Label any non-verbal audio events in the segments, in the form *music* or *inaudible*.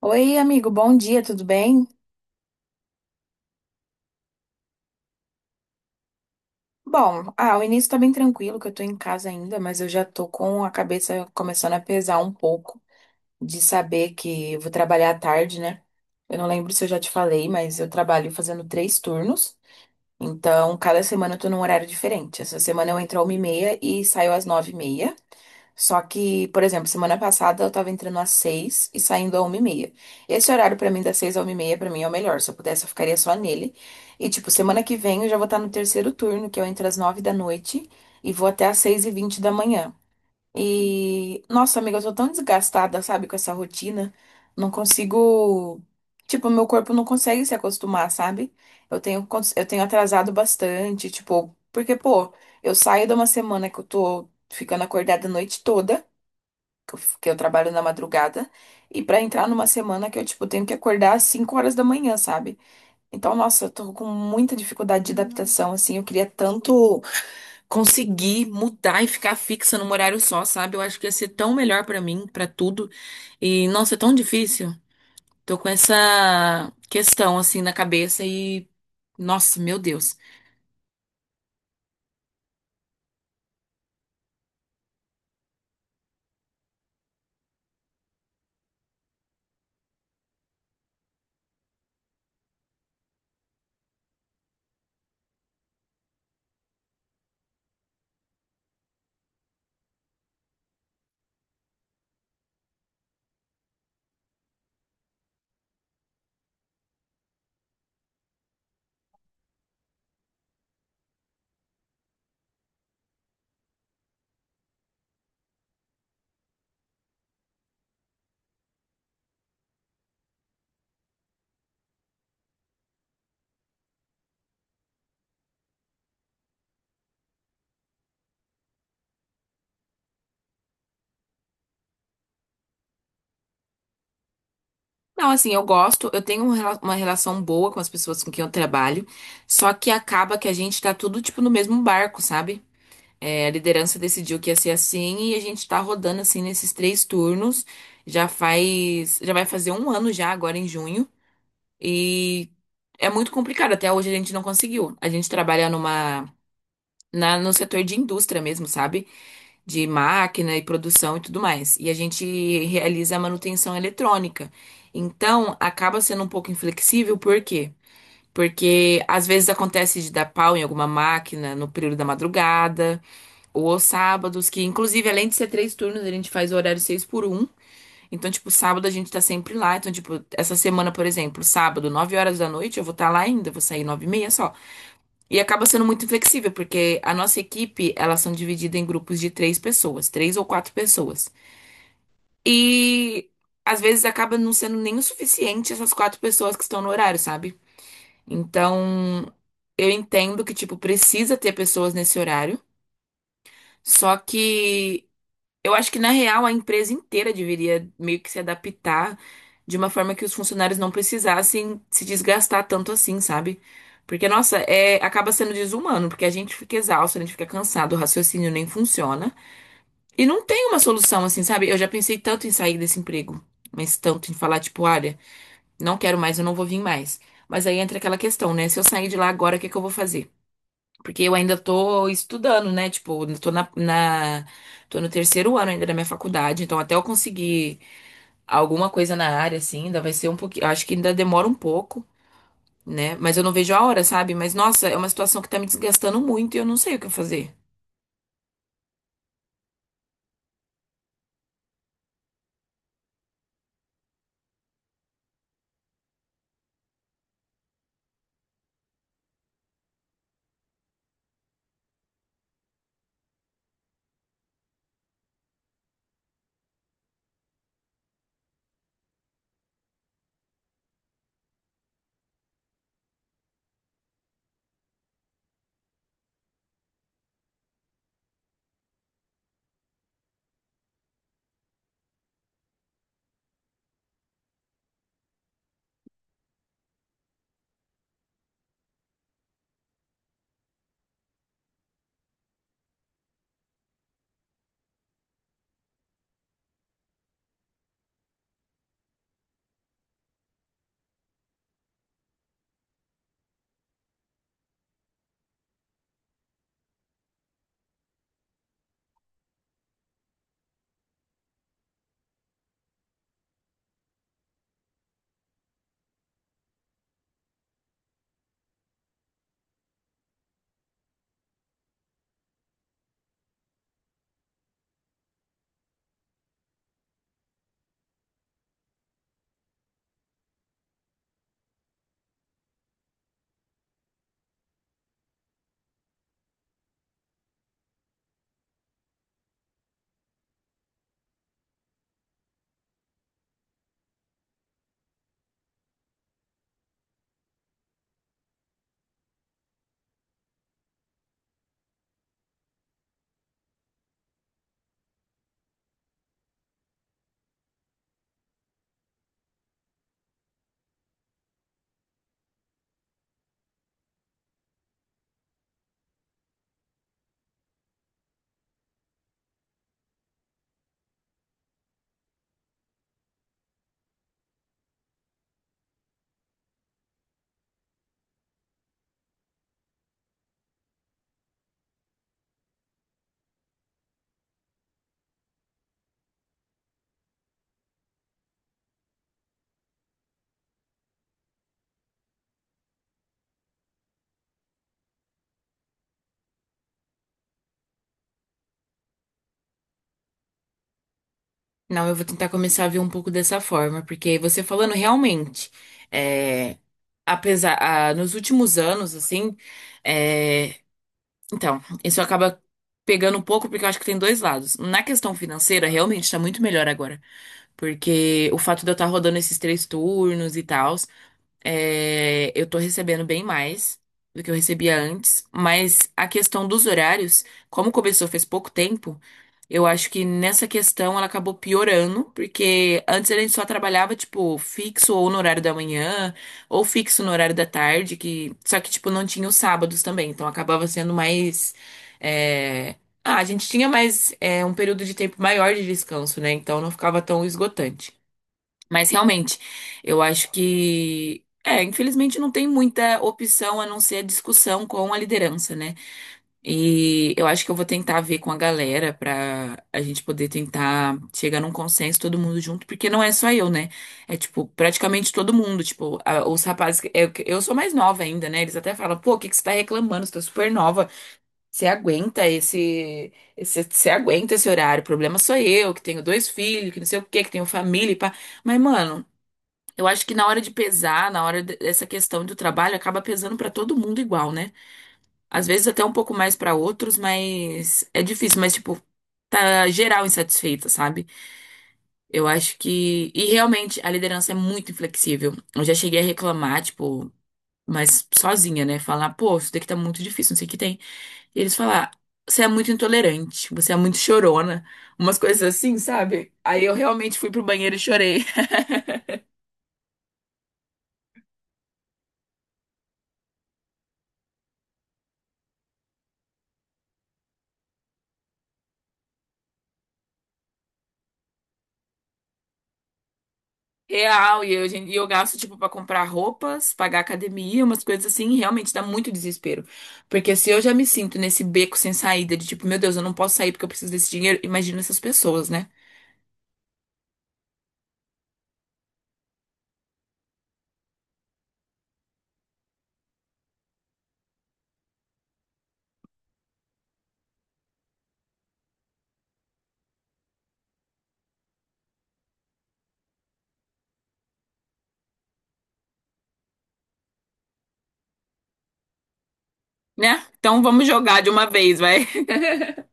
Oi, amigo, bom dia, tudo bem? O início tá bem tranquilo, que eu tô em casa ainda, mas eu já tô com a cabeça começando a pesar um pouco de saber que eu vou trabalhar à tarde, né? Eu não lembro se eu já te falei, mas eu trabalho fazendo três turnos, então cada semana eu tô num horário diferente. Essa semana eu entro às 1:30 e saio às 9:30. Só que, por exemplo, semana passada eu tava entrando às seis e saindo à 1:30. Esse horário pra mim, das seis à uma e meia, pra mim é o melhor. Se eu pudesse, eu ficaria só nele. E, tipo, semana que vem eu já vou estar no terceiro turno, que eu entro às nove da noite e vou até às 6:20 da manhã. E, nossa, amiga, eu tô tão desgastada, sabe, com essa rotina. Não consigo. Tipo, meu corpo não consegue se acostumar, sabe? Eu tenho atrasado bastante, tipo, porque, pô, eu saio de uma semana que eu tô ficando acordada a noite toda, que eu trabalho na madrugada, e pra entrar numa semana que eu, tipo, tenho que acordar às 5 horas da manhã, sabe? Então, nossa, eu tô com muita dificuldade de adaptação, assim, eu queria tanto conseguir mudar e ficar fixa num horário só, sabe? Eu acho que ia ser tão melhor pra mim, pra tudo. E nossa, é tão difícil. Tô com essa questão assim na cabeça e nossa, meu Deus. Não, assim, eu gosto, eu tenho um rela- uma relação boa com as pessoas com quem eu trabalho, só que acaba que a gente tá tudo tipo no mesmo barco, sabe? É, a liderança decidiu que ia ser assim e a gente tá rodando assim nesses três turnos. Já vai fazer um ano já agora em junho. E é muito complicado. Até hoje a gente não conseguiu. A gente trabalha no setor de indústria mesmo, sabe? De máquina e produção e tudo mais. E a gente realiza a manutenção eletrônica. Então, acaba sendo um pouco inflexível, por quê? Porque às vezes acontece de dar pau em alguma máquina no período da madrugada, ou aos sábados, que inclusive além de ser três turnos, a gente faz o horário seis por um. Então, tipo, sábado a gente tá sempre lá. Então, tipo, essa semana, por exemplo, sábado, 9 horas da noite, eu vou estar lá ainda, vou sair 9:30 só. E acaba sendo muito flexível, porque a nossa equipe, elas são divididas em grupos de três pessoas, três ou quatro pessoas. E às vezes acaba não sendo nem o suficiente essas quatro pessoas que estão no horário, sabe? Então, eu entendo que, tipo, precisa ter pessoas nesse horário. Só que eu acho que, na real, a empresa inteira deveria meio que se adaptar de uma forma que os funcionários não precisassem se desgastar tanto assim, sabe? Porque, nossa, é, acaba sendo desumano, porque a gente fica exausto, a gente fica cansado, o raciocínio nem funciona. E não tem uma solução assim, sabe? Eu já pensei tanto em sair desse emprego, mas tanto em falar, tipo, olha, não quero mais, eu não vou vir mais. Mas aí entra aquela questão, né? Se eu sair de lá agora, o que que eu vou fazer? Porque eu ainda tô estudando, né? Tipo, eu tô na, na- tô no terceiro ano ainda da minha faculdade, então até eu conseguir alguma coisa na área, assim, ainda vai ser um pouquinho. Acho que ainda demora um pouco, né? Mas eu não vejo a hora, sabe? Mas nossa, é uma situação que tá me desgastando muito e eu não sei o que fazer. Não, eu vou tentar começar a ver um pouco dessa forma, porque você falando realmente, é, nos últimos anos, assim, é, então, isso acaba pegando um pouco porque eu acho que tem dois lados. Na questão financeira, realmente está muito melhor agora, porque o fato de eu estar rodando esses três turnos e tal, é, eu tô recebendo bem mais do que eu recebia antes, mas a questão dos horários, como começou fez pouco tempo, eu acho que nessa questão ela acabou piorando, porque antes a gente só trabalhava, tipo, fixo ou no horário da manhã, ou fixo no horário da tarde, que só que, tipo, não tinha os sábados também, então acabava sendo mais. É, ah, a gente tinha mais é, um período de tempo maior de descanso, né? Então não ficava tão esgotante. Mas realmente, eu acho que, é, infelizmente não tem muita opção a não ser a discussão com a liderança, né? E eu acho que eu vou tentar ver com a galera pra a gente poder tentar chegar num consenso todo mundo junto, porque não é só eu, né? É tipo, praticamente todo mundo, tipo, os rapazes, eu sou mais nova ainda, né? Eles até falam, pô, o que que você tá reclamando? Você tá super nova. Você aguenta você aguenta esse horário. O problema sou eu, que tenho dois filhos, que não sei o quê, que tenho família e pá. Mas, mano, eu acho que na hora de pesar, dessa questão do trabalho, acaba pesando pra todo mundo igual, né? Às vezes até um pouco mais pra outros, mas é difícil, mas tipo, tá geral insatisfeita, sabe? Eu acho que e realmente a liderança é muito inflexível. Eu já cheguei a reclamar, tipo, mas sozinha, né? Falar, pô, isso daqui tá muito difícil, não sei o que tem. E eles falar, você é muito intolerante, você é muito chorona, umas coisas assim, sabe? Aí eu realmente fui pro banheiro e chorei. Real, e e eu gasto, tipo, pra comprar roupas, pagar academia, umas coisas assim, e realmente dá muito desespero. Porque se eu já me sinto nesse beco sem saída, de tipo, meu Deus, eu não posso sair porque eu preciso desse dinheiro, imagina essas pessoas, né? Né? Então vamos jogar de uma vez, vai. *laughs*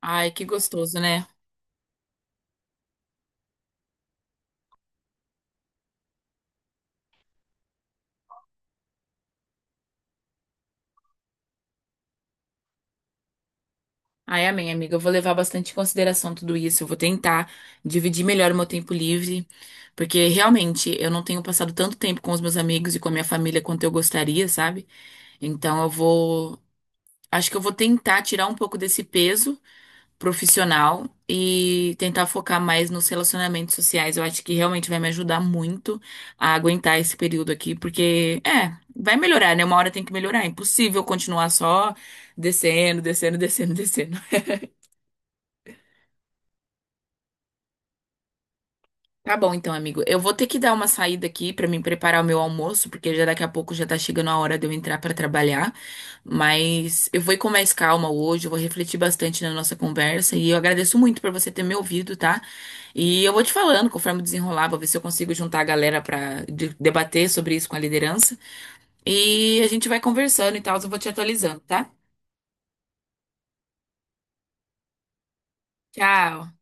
Ai, que gostoso, né? Ai, amém, amiga. Eu vou levar bastante em consideração tudo isso. Eu vou tentar dividir melhor o meu tempo livre, porque realmente eu não tenho passado tanto tempo com os meus amigos e com a minha família quanto eu gostaria, sabe? Então eu vou Acho que eu vou tentar tirar um pouco desse peso profissional e tentar focar mais nos relacionamentos sociais. Eu acho que realmente vai me ajudar muito a aguentar esse período aqui, porque é, vai melhorar, né? Uma hora tem que melhorar. É impossível continuar só descendo, descendo, descendo, *laughs* descendo. Tá bom, então, amigo. Eu vou ter que dar uma saída aqui pra me preparar o meu almoço, porque já daqui a pouco já tá chegando a hora de eu entrar pra trabalhar. Mas eu vou ir com mais calma hoje, eu vou refletir bastante na nossa conversa e eu agradeço muito por você ter me ouvido, tá? E eu vou te falando conforme desenrolar, vou ver se eu consigo juntar a galera pra debater sobre isso com a liderança. E a gente vai conversando e tal, eu vou te atualizando, tá? Tchau.